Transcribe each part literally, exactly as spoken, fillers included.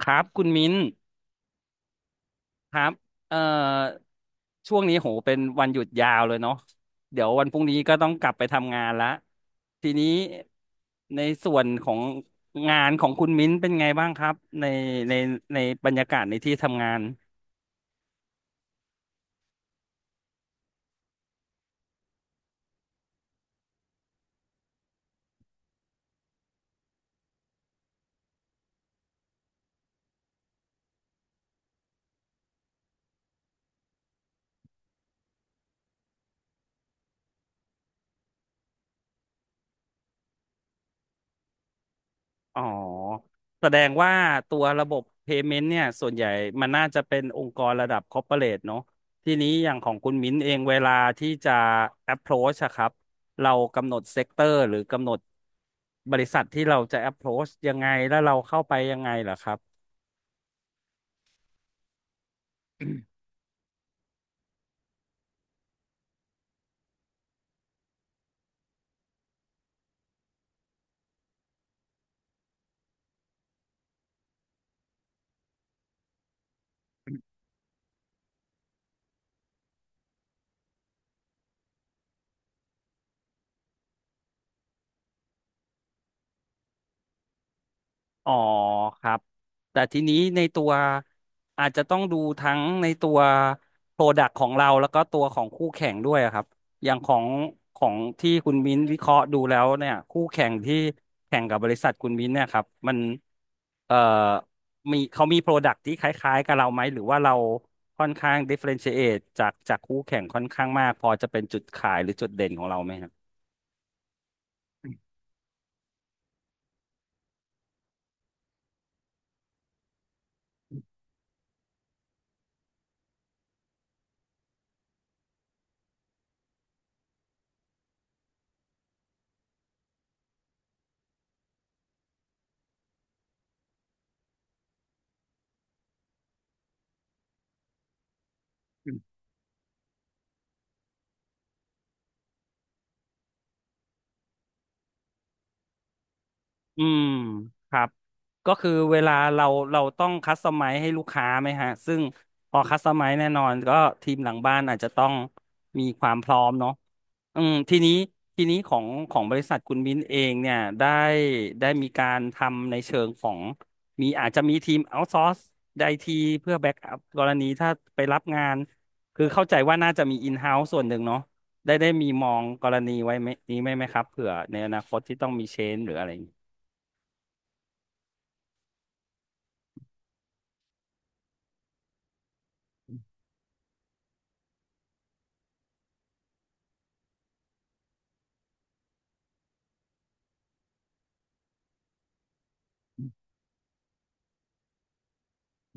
ครับคุณมิ้นครับเอ่อช่วงนี้โหเป็นวันหยุดยาวเลยเนาะเดี๋ยววันพรุ่งนี้ก็ต้องกลับไปทำงานละทีนี้ในส่วนของงานของคุณมิ้นเป็นไงบ้างครับในในในบรรยากาศในที่ทำงาน อ๋อแสดงว่าตัวระบบ payment เนี่ยส่วนใหญ่มันน่าจะเป็นองค์กรระดับ corporate เรทเนอะทีนี้อย่างของคุณมิ้นเองเวลาที่จะ approach อะครับเรากำหนด sector หรือกำหนดบริษัทที่เราจะ approach ยังไงแล้วเราเข้าไปยังไงเหรอครับ อ๋อครับแต่ทีนี้ในตัวอาจจะต้องดูทั้งในตัวโปรดักต์ของเราแล้วก็ตัวของคู่แข่งด้วยอะครับอย่างของของที่คุณมิ้นวิเคราะห์ดูแล้วเนี่ยคู่แข่งที่แข่งกับบริษัทคุณมิ้นเนี่ยครับมันเอ่อมีเขามีโปรดักต์ที่คล้ายๆกับเราไหมหรือว่าเราค่อนข้าง differentiate จากจากคู่แข่งค่อนข้างมากพอจะเป็นจุดขายหรือจุดเด่นของเราไหมครับ อืมครับก็คือเวลาเราเราต้องคัสตอมไมซ์ให้ลูกค้าไหมฮะซึ่งพอคัสตอมไมซ์แน่นอนก็ทีมหลังบ้านอาจจะต้องมีความพร้อมเนาะอืมทีนี้ทีนี้ของของบริษัทคุณมิ้นเองเนี่ยได้ได้มีการทำในเชิงของมีอาจจะมีทีมเอา s o ซอร์สไอทีเพื่อแบ็กอัพกรณีถ้าไปรับงานคือเข้าใจว่าน่าจะมีอินเฮ้าส์ส่วนหนึ่งเนาะได้ได้มีมองกรณีไว้ไหมนี้ไหมไหมครับเผื่อในอนาคตที่ต้องมีเชนหรืออะไรอย่างงี้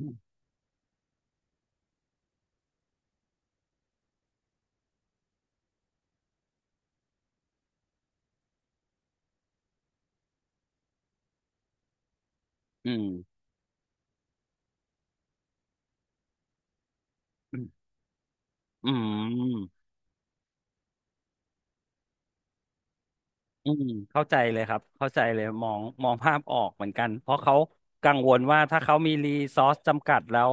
อืมอืมอืม อืมเข้าใจเลยครับเข้าใจเลยมองมองภาพออกเหมือนกันเพราะเขากังวลว่าถ้าเขามีรีซอสจำกัดแล้ว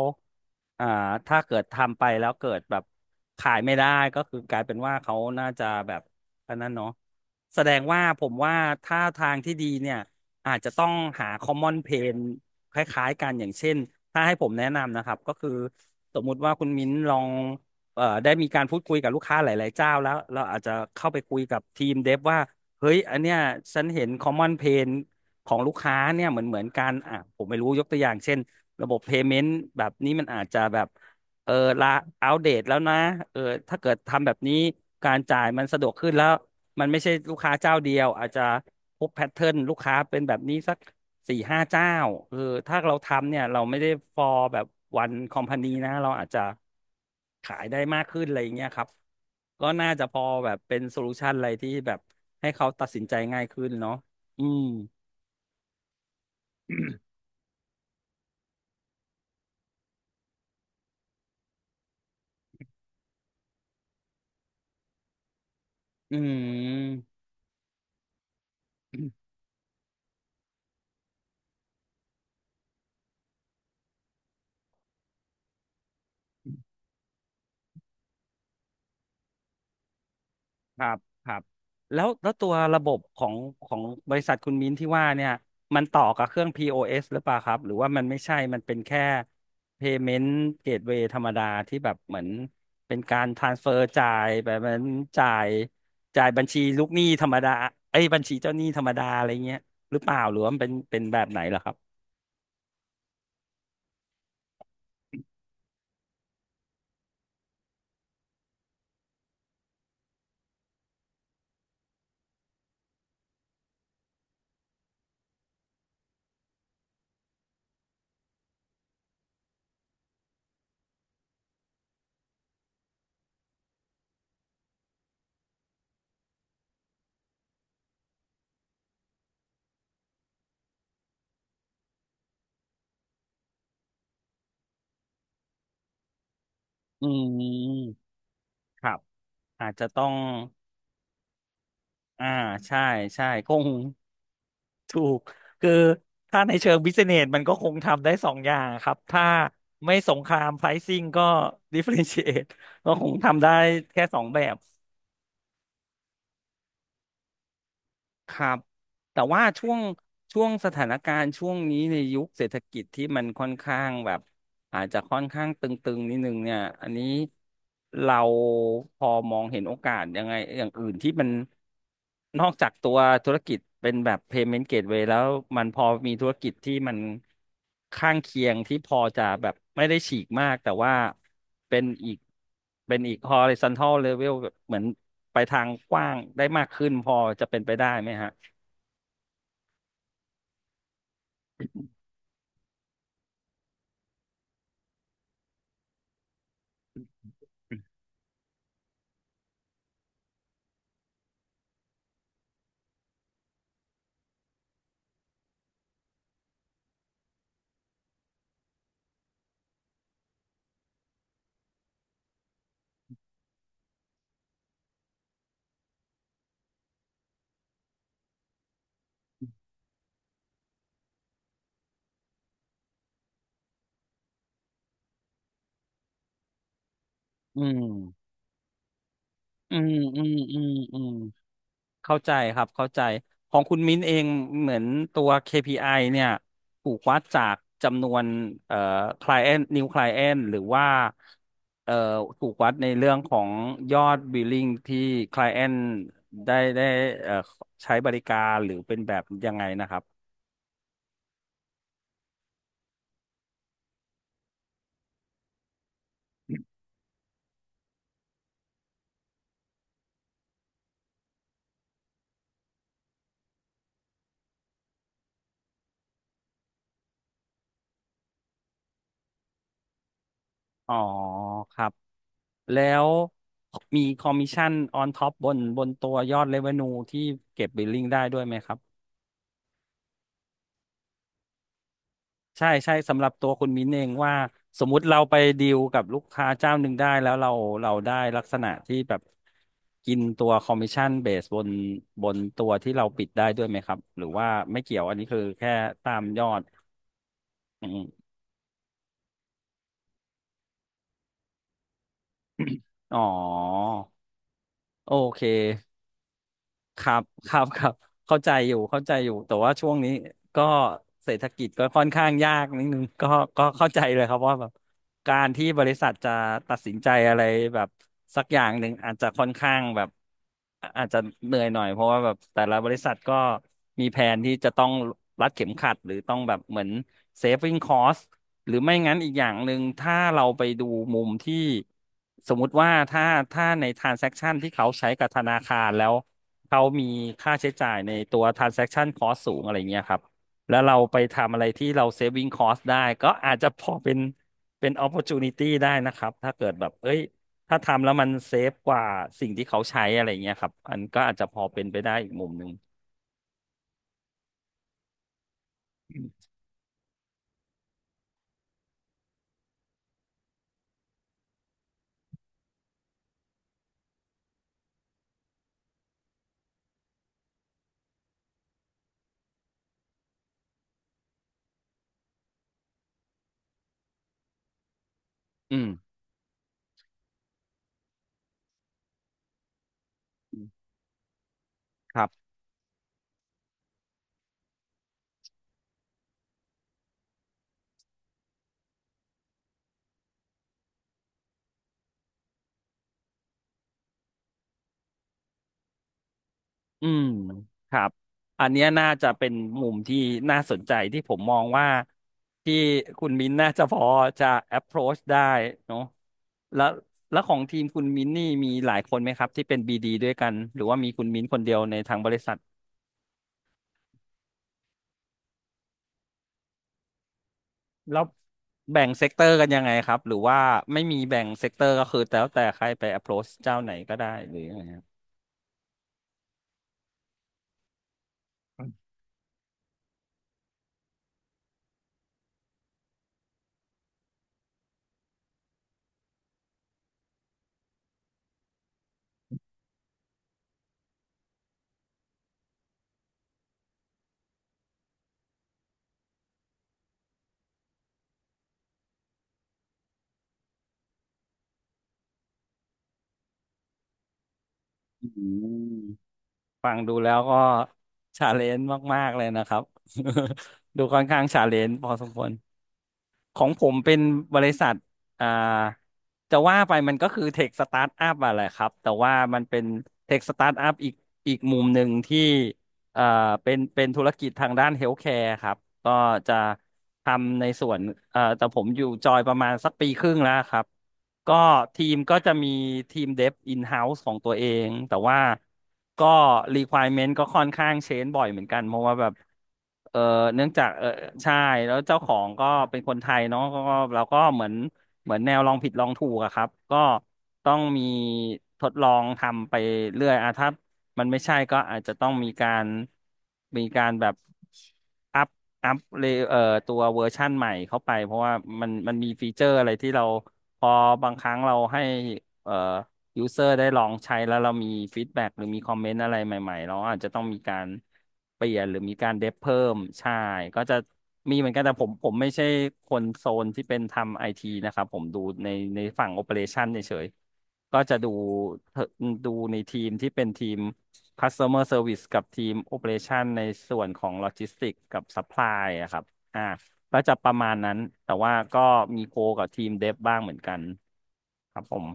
อ่าถ้าเกิดทำไปแล้วเกิดแบบขายไม่ได้ก็คือกลายเป็นว่าเขาน่าจะแบบอันนั้นเนาะแสดงว่าผมว่าถ้าทางที่ดีเนี่ยอาจจะต้องหาคอมมอนเพนคล้ายๆกันอย่างเช่นถ้าให้ผมแนะนำนะครับก็คือสมมุติว่าคุณมิ้นลองเอ่อได้มีการพูดคุยกับลูกค้าหลายๆเจ้าแล้วเราอาจจะเข้าไปคุยกับทีมเดฟว่า เฮ้ย อันเนี้ยฉันเห็น common pain ของลูกค้าเนี่ยเหมือนเหมือนกันอ่ะผมไม่รู้ยกตัวอย่างเช่นระบบ payment แบบนี้มันอาจจะแบบเออละอัปเดตแล้วนะเออถ้าเกิดทำแบบนี้การจ่ายมันสะดวกขึ้นแล้วมันไม่ใช่ลูกค้าเจ้าเดียวอาจจะพบแพทเทิร์นลูกค้าเป็นแบบนี้สัก สี่ห้าเจ้าเออถ้าเราทำเนี่ยเราไม่ได้ฟอร์แบบวันคอมพานีนะเราอาจจะขายได้มากขึ้นอะไรอย่างเงี้ยครับก็น่าจะพอแบบเป็นโซลูชันอะไรที่แบบให้เขาตัดสินใจง่ายขึ้นเนาะอืมอืม ครับครับแล้วแล้วตัวระบบของของบริษัทคุณมิ้นที่ว่าเนี่ยมันต่อกับเครื่อง พี โอ เอส หรือเปล่าครับหรือว่ามันไม่ใช่มันเป็นแค่ Payment Gateway ธรรมดาที่แบบเหมือนเป็นการ transfer จ่ายแบบเหมือนจ่ายจ่ายบัญชีลูกหนี้ธรรมดาเอ้ยบัญชีเจ้าหนี้ธรรมดาอะไรเงี้ยหรือเปล่าหรือว่ามันเป็นเป็นแบบไหนเหรอครับอืมครับอาจจะต้องอ่าใช่ใช่คง ถูกคือถ้าในเชิงบิสเนสมันก็คงทำได้สองอย่างครับถ้าไม่สงครามไ r i ซิ n งก็ดิเฟ r เ n นช a t e ก็คงทำได้แค่สองแบบครับแต่ว่าช่วงช่วงสถานการณ์ช่วงนี้ในยุคเศรษฐกิจที่มันค่อนข้างแบบ อาจจะค่อนข้างตึงๆนิดนึงเนี่ย อันนี้เราพอมองเห็นโอกาสยังไงอย่างอื่นที่มันนอกจากตัวธุรกิจเป็นแบบ payment gateway แล้วมันพอมีธุรกิจที่มันข้างเคียงที่พอจะแบบไม่ได้ฉีกมากแต่ว่าเป็นอีกเป็นอีก horizontal level แบบเหมือนไปทางกว้างได้มากขึ้นพอจะเป็นไปได้ไหมฮะ อืม อืม อืม อืมอืม เข้าใจครับเข้าใจของคุณมิ้นเองเหมือนตัว เค พี ไอ เนี่ยถูกวัดจากจำนวนเอ่อ client new client หรือว่าเอ่อถูกวัดในเรื่องของยอด billing ที่ client ได้ได้เอ่อใช้บริการหรือเป็นแบบยังไงนะครับอ๋อครับแล้วมีคอมมิชชั่น on top บนบนตัวยอด revenue ที่เก็บ billing ได้ด้วยไหมครับ ใช่ใช่สำหรับตัวคุณมิ้นเองว่าสมมุติเราไปดีลกับลูกค้าเจ้าหนึ่งได้แล้วเราเราได้ลักษณะที่แบบกินตัวคอมมิชชั่นเบสบนบนตัวที่เราปิดได้ด้วยไหมครับหรือว่าไม่เกี่ยวอันนี้คือแค่ตามยอดอืมอ๋อโอเค ครับครับครับเข้าใจอยู่เข้าใจอยู่แต่ว่าช่วงนี้ก็เศรษฐกิจก็ค่อนข้างยากนิดนึง ก็ก็เข้าใจเลยครับว่าแบบการที่บริษัทจะตัดสินใจอะไรแบบสักอย่างหนึ่งอาจจะค่อนข้างแบบอาอาจจะเหนื่อยหน่อยเพราะว่าแบบแต่ละบริษัทก็มีแผนที่จะต้องรัดเข็มขัดหรือต้องแบบเหมือน saving cost หรือไม่งั้นอีกอย่างหนึ่งถ้าเราไปดูมุมที่สมมุติว่าถ้าถ้าใน transaction ที่เขาใช้กับธนาคารแล้วเขามีค่าใช้จ่ายในตัว transaction cost สูงอะไรเงี้ยครับแล้วเราไปทำอะไรที่เรา saving cost ได้ก็อาจจะพอเป็นเป็น opportunity ได้นะครับถ้าเกิดแบบเอ้ยถ้าทำแล้วมันเซฟกว่าสิ่งที่เขาใช้อะไรเงี้ยครับอันก็อาจจะพอเป็นไปได้อีกมุมหนึ่งอืมครับ อืมครับอันเนี้ยน่าจะเป็นมุมที่น่าสนใจที่ผมมองว่าที่คุณมิ้นน่าจะพอจะ approach ได้เนาะแล้วแล้วของทีมคุณมิ้นนี่มีหลายคนไหมครับที่เป็น บี ดี ดด้วยกันหรือว่ามีคุณมิ้นคนเดียวในทางบริษัทแล้วแบ่งเซกเตอร์กันยังไงครับหรือว่าไม่มีแบ่งเซกเตอร์ก็คือแล้วแต่ใครไป approach เจ้าไหนก็ได้หรือยังไงครับอืม ฟังดูแล้วก็ชาเลนจ์มากๆเลยนะครับ ดูค่อนข้างชาเลนจ์พอสมควรของผมเป็นบริษัทอ่าจะว่าไปมันก็คือเทคสตาร์ทอัพอะแหละครับ แต่ว่ามันเป็นเทคสตาร์ทอัพอีกอีกมุมหนึ่งที่ เอ่อเป็นเป็นธุรกิจทางด้านเฮลท์แคร์ครับก็จะทำในส่วนเอ่อแต่ผมอยู่จอยประมาณสักปีครึ่งแล้วครับก็ทีมก็จะมีทีมเดฟอินเฮาส์ของตัวเองแต่ว่าก็ requirement ก็ค่อนข้างเชนบ่อยเหมือนกันเพราะว่าแบบเออเนื่องจากเออใช่แล้วเจ้าของก็เป็นคนไทยเนาะก็ก็เราก็เหมือนเหมือนแนวลองผิดลองถูกอะครับก็ต้องมีทดลองทำไปเรื่อยอะถ้า มันไม่ใช่ก็อาจจะต้องมีการมีการแบบอัพอัพเลเอ่อตัวเวอร์ชั่นใหม่เข้าไปเพราะว่ามันมันมีฟีเจอร์อะไรที่เราพอบางครั้งเราให้เอ่อยูเซอร์ได้ลองใช้แล้วเรามีฟีดแบ็กหรือมีคอมเมนต์อะไรใหม่ๆเราอาจจะต้องมีการเปลี่ยนหรือมีการเดบเพิ่มใช่ก็จะมีเหมือนกันแต่ผมผมไม่ใช่คนโซนที่เป็นทำไอทีนะครับผมดูในในฝั่งโอเปอเรชันเฉยๆก็จะดูเอ่อดูในทีมที่เป็นทีม customer service กับทีม operation ในส่วนของ logistics กับ supply อะครับ อ่าก็จะประมาณนั้น แต่ว่าก็มีโคกับทีม dev บ้างเหมือนกันครับผม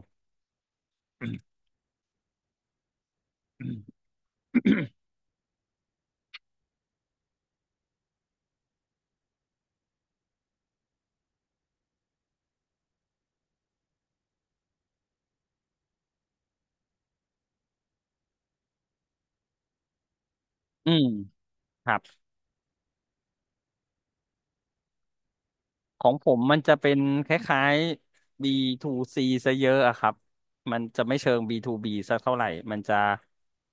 อืมครับ ของผมมันจะเป็นคล้ายๆ บี ทู ซี ซซะเยอะอะครับ มันจะไม่เชิง บี ทู บี สักเท่าไหร่มันจะ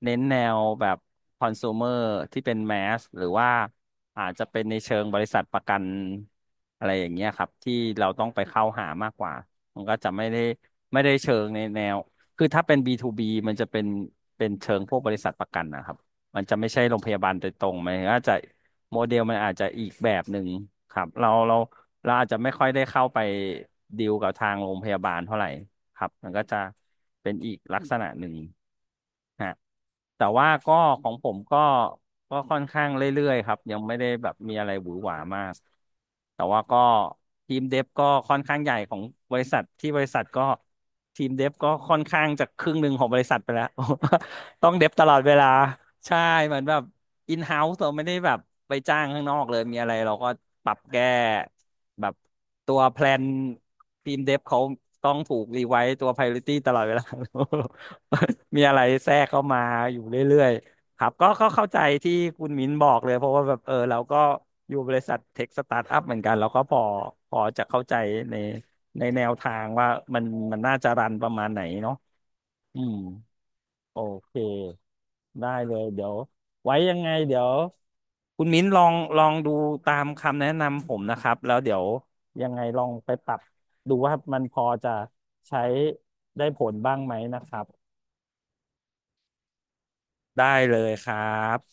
เน้นแนวแบบคอน sumer ที่เป็นแมสหรือว่าอาจจะเป็นในเชิงบริษัทประกันอะไรอย่างเงี้ยครับที่เราต้องไปเข้าหามากกว่ามันก็จะไม่ได้ไม่ได้เชิงในแนว คือถ้าเป็น บี ทู บี มันจะเป็นเป็นเชิงพวกบริษัทประกันนะครับ มันจะไม่ใช่โรงพยาบาลโดยตรงมันอาจจะโมเดลมันอาจจะอีกแบบหนึ่งครับเราเราเราอาจจะไม่ค่อยได้เข้าไปดีลกับทางโรงพยาบาลเท่าไหร่ครับมันก็จะเป็นอีกลักษณะหนึ่งฮะแต่ว่าก็ของผมก็ก็ค่อนข้างเรื่อยๆครับยังไม่ได้แบบมีอะไรหวือหวามากแต่ว่าก็ทีมเดฟก็ค่อนข้างใหญ่ของบริษัทที่บริษัทก็ทีมเดฟก็ค่อนข้างจะครึ่งหนึ่งของบริษัทไปแล้ว ต้องเด็บตลอดเวลาใช่เหมือนแบบอินเฮ้าส์เราไม่ได้แบบไปจ้างข้างนอกเลยมีอะไรเราก็ปรับแก้แบบตัวแพลนทีมเดฟเขาต้องถูกรีไวซ์ตัว priority ตลอดเวลา มีอะไรแทรกเข้ามาอยู่เรื่อยๆครับก็ก็เข้าใจที่คุณมิ้นบอกเลยเพราะว่าแบบเออเราก็อยู่บริษัทเทคสตาร์ทอัพเหมือนกันเราก็พอพอจะเข้าใจในในแนวทางว่ามันมันน่าจะรันประมาณไหนเนาะอืม โอเคได้เลยเดี๋ยวไว้ยังไงเดี๋ยวคุณมิ้นลองลองดูตามคำแนะนำผมนะครับแล้วเดี๋ยวยังไงลองไปปรับดูว่ามันพอจะใช้ได้ผลบ้างไหมนะครับได้เลยครับ